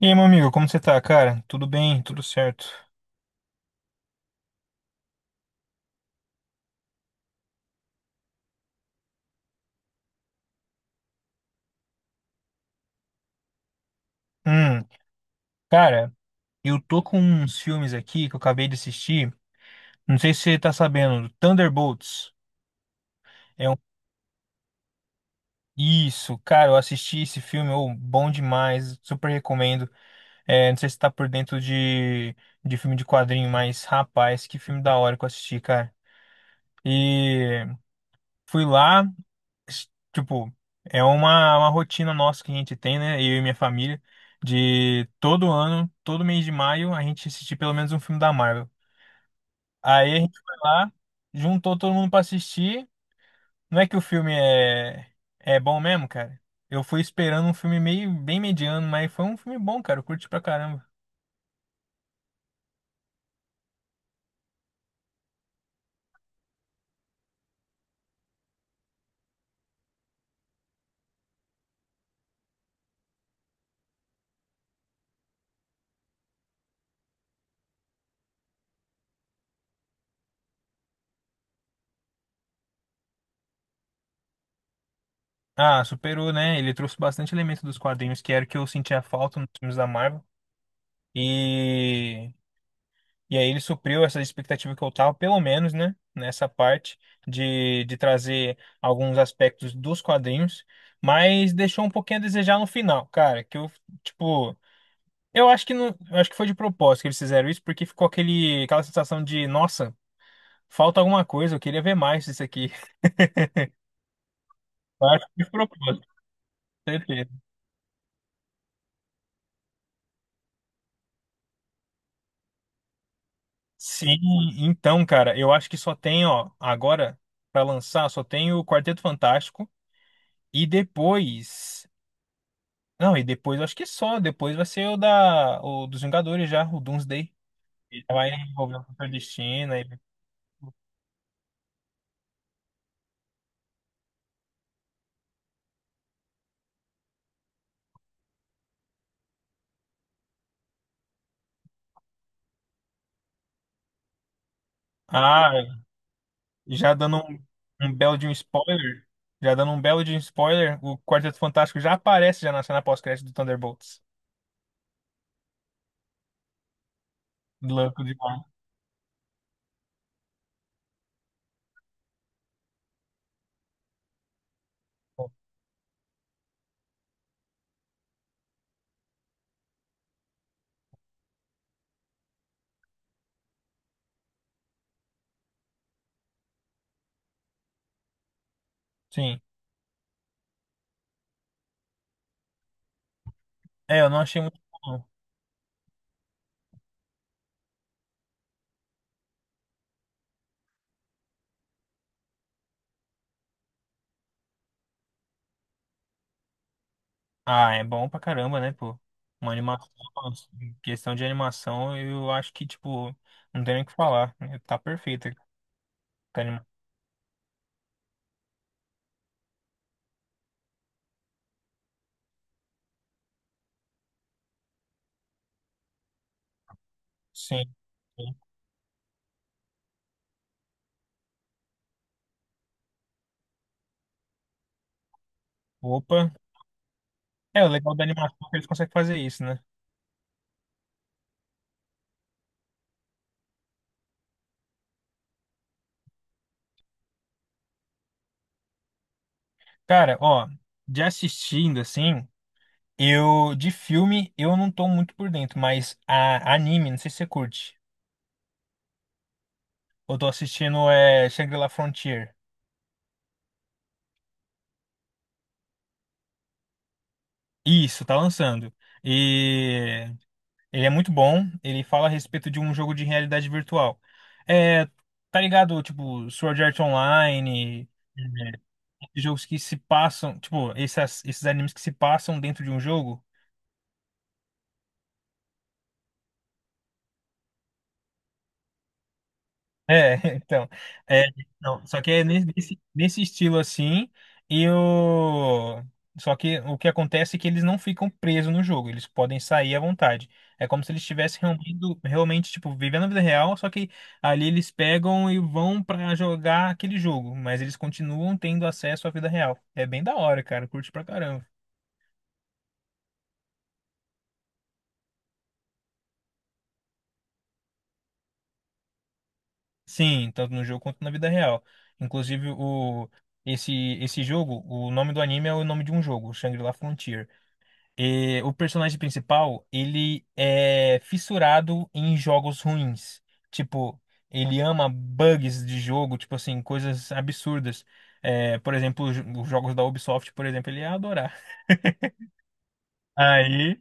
E aí, meu amigo, como você tá, cara? Tudo bem, tudo certo. Hum, cara, eu tô com uns filmes aqui que eu acabei de assistir. Não sei se você tá sabendo do Thunderbolts. É um... Isso, cara, eu assisti esse filme, ô, bom demais, super recomendo. É, não sei se tá por dentro de filme de quadrinho, mas rapaz, que filme da hora que eu assisti, cara. E fui lá. s- tipo, é uma rotina nossa que a gente tem, né? Eu e minha família, de todo ano, todo mês de maio, a gente assistir pelo menos um filme da Marvel. Aí a gente foi lá, juntou todo mundo pra assistir. Não é que é bom mesmo, cara. Eu fui esperando um filme meio bem mediano, mas foi um filme bom, cara. Eu curti pra caramba. Ah, superou, né? Ele trouxe bastante elemento dos quadrinhos, que era o que eu sentia falta nos filmes da Marvel. E. E aí ele supriu essa expectativa que eu tava, pelo menos, né, nessa parte de trazer alguns aspectos dos quadrinhos, mas deixou um pouquinho a desejar no final, cara, tipo, eu acho que não, eu acho que foi de propósito que eles fizeram isso, porque ficou aquela sensação de, nossa, falta alguma coisa, eu queria ver mais disso aqui. Eu acho que foi de propósito, certeza. Sim, então, cara, eu acho que só tem, ó, agora pra lançar, só tem o Quarteto Fantástico e depois. Não, e depois, eu acho que é só. Depois vai ser o dos Vingadores já, o Doomsday. Ele vai envolver o Doutor Destino. Ah, já dando um belo de um spoiler. Já dando um belo de um spoiler, o Quarteto Fantástico já aparece já na cena pós-crédito do Thunderbolts. Louco demais. Sim. É, eu não achei muito bom. Ah, é bom pra caramba, né, pô? Uma animação, em questão de animação, eu acho que, tipo, não tem nem o que falar. Tá perfeita. Tá anima- Sim. Sim. Opa. É, o legal da animação é que eles conseguem fazer isso, né? Cara, ó, de assistindo, assim, eu, de filme, eu não tô muito por dentro, mas a anime, não sei se você curte. Eu tô assistindo é Shangri-La Frontier. Isso, tá lançando. E ele é muito bom, ele fala a respeito de um jogo de realidade virtual. É, tá ligado, tipo, Sword Art Online, é, jogos que se passam, tipo, esses animes que se passam dentro de um jogo. É, então, é, não, só que é nesse estilo assim, e o, só que o que acontece é que eles não ficam presos no jogo, eles podem sair à vontade. É como se eles estivessem realmente, tipo, vivendo a vida real, só que ali eles pegam e vão pra jogar aquele jogo, mas eles continuam tendo acesso à vida real. É bem da hora, cara, curte pra caramba. Sim, tanto no jogo quanto na vida real. Inclusive, esse, esse jogo, o nome do anime é o nome de um jogo, o Shangri-La Frontier. E o personagem principal, ele é fissurado em jogos ruins. Tipo, ele ama bugs de jogo, tipo assim, coisas absurdas. É, por exemplo, os jogos da Ubisoft, por exemplo, ele ia adorar. Aí,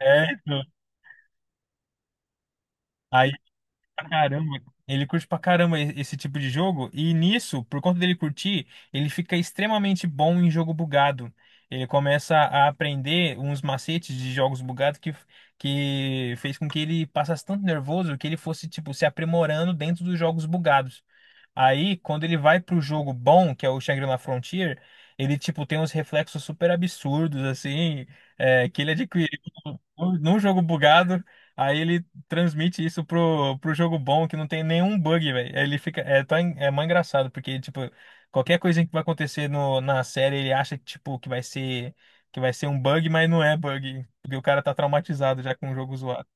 é, então, aí pra caramba. Ele curte pra caramba esse tipo de jogo, e nisso, por conta dele curtir, ele fica extremamente bom em jogo bugado. Ele começa a aprender uns macetes de jogos bugados que fez com que ele passasse tanto nervoso que ele fosse, tipo, se aprimorando dentro dos jogos bugados. Aí, quando ele vai pro jogo bom, que é o Shangri-La Frontier, ele, tipo, tem uns reflexos super absurdos, assim, é, que ele adquiriu num jogo bugado, aí ele transmite isso pro jogo bom, que não tem nenhum bug, velho. Aí ele fica, é, é mó engraçado, porque, tipo, qualquer coisa que vai acontecer no, na série, ele acha, tipo, que vai ser um bug, mas não é bug, porque o cara tá traumatizado já com o jogo zoado.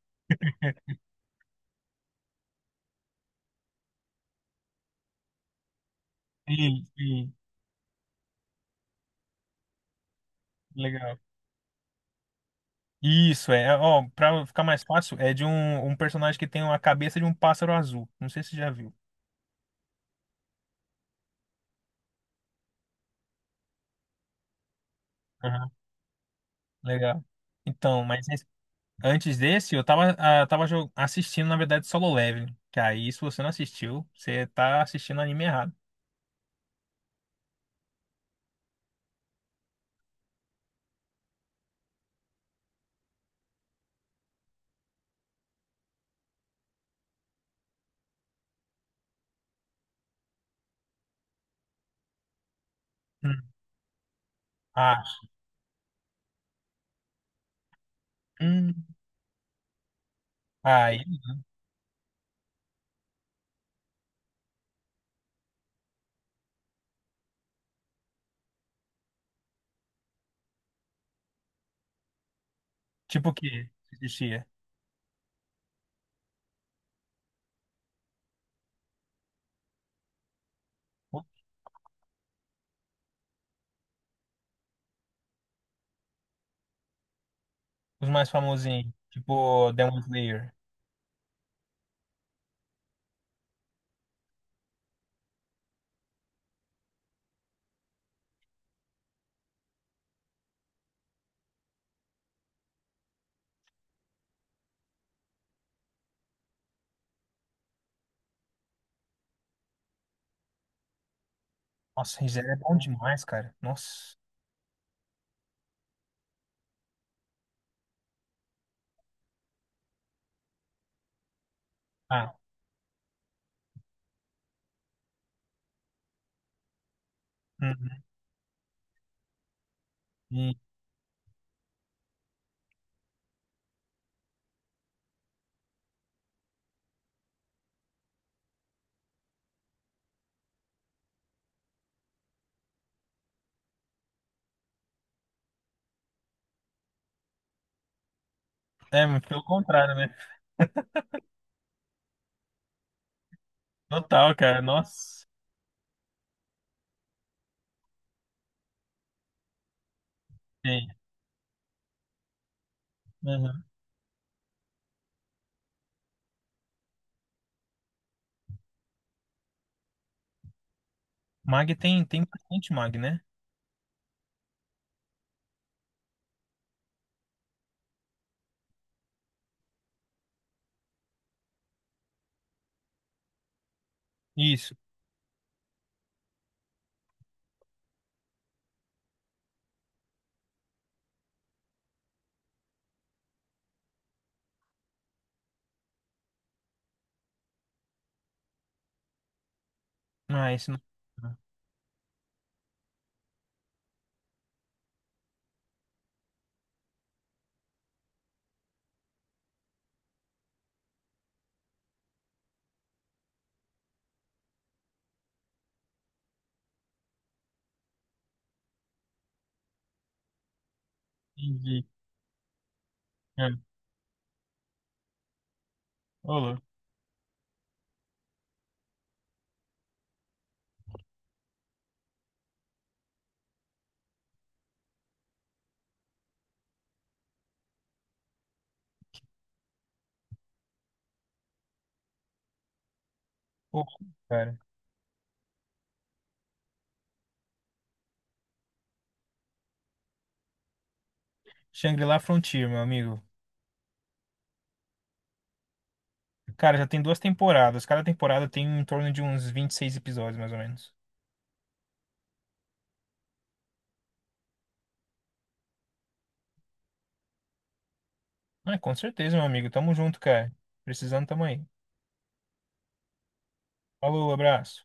Sim, sim, legal. Isso, é, ó, pra ficar mais fácil, é de um personagem que tem a cabeça de um pássaro azul. Não sei se você já viu. Aham, legal. Então, mas esse- Antes desse, eu tava, ah, assistindo, na verdade, Solo Leveling. Que aí, se você não assistiu, você tá assistindo anime errado. Hum. Ah, hum, aí, tipo o que assistia? Os mais famosinhos, tipo Demon Slayer. Nossa, Rizé é bom demais, cara. Nossa. Ah, hum, hum. É, muito pelo contrário, né? Total, cara. Nossa. Aham. Mag tem, tem bastante Mag, né? Isso. Ah, esse não. Ah, entendi. É. Ô, louco. Pô, cara. Shangri-La é Frontier, meu amigo. Cara, já tem duas temporadas. Cada temporada tem em torno de uns 26 episódios, mais ou menos. Ah, com certeza, meu amigo. Tamo junto, cara. Precisando, tamo aí. Falou, abraço.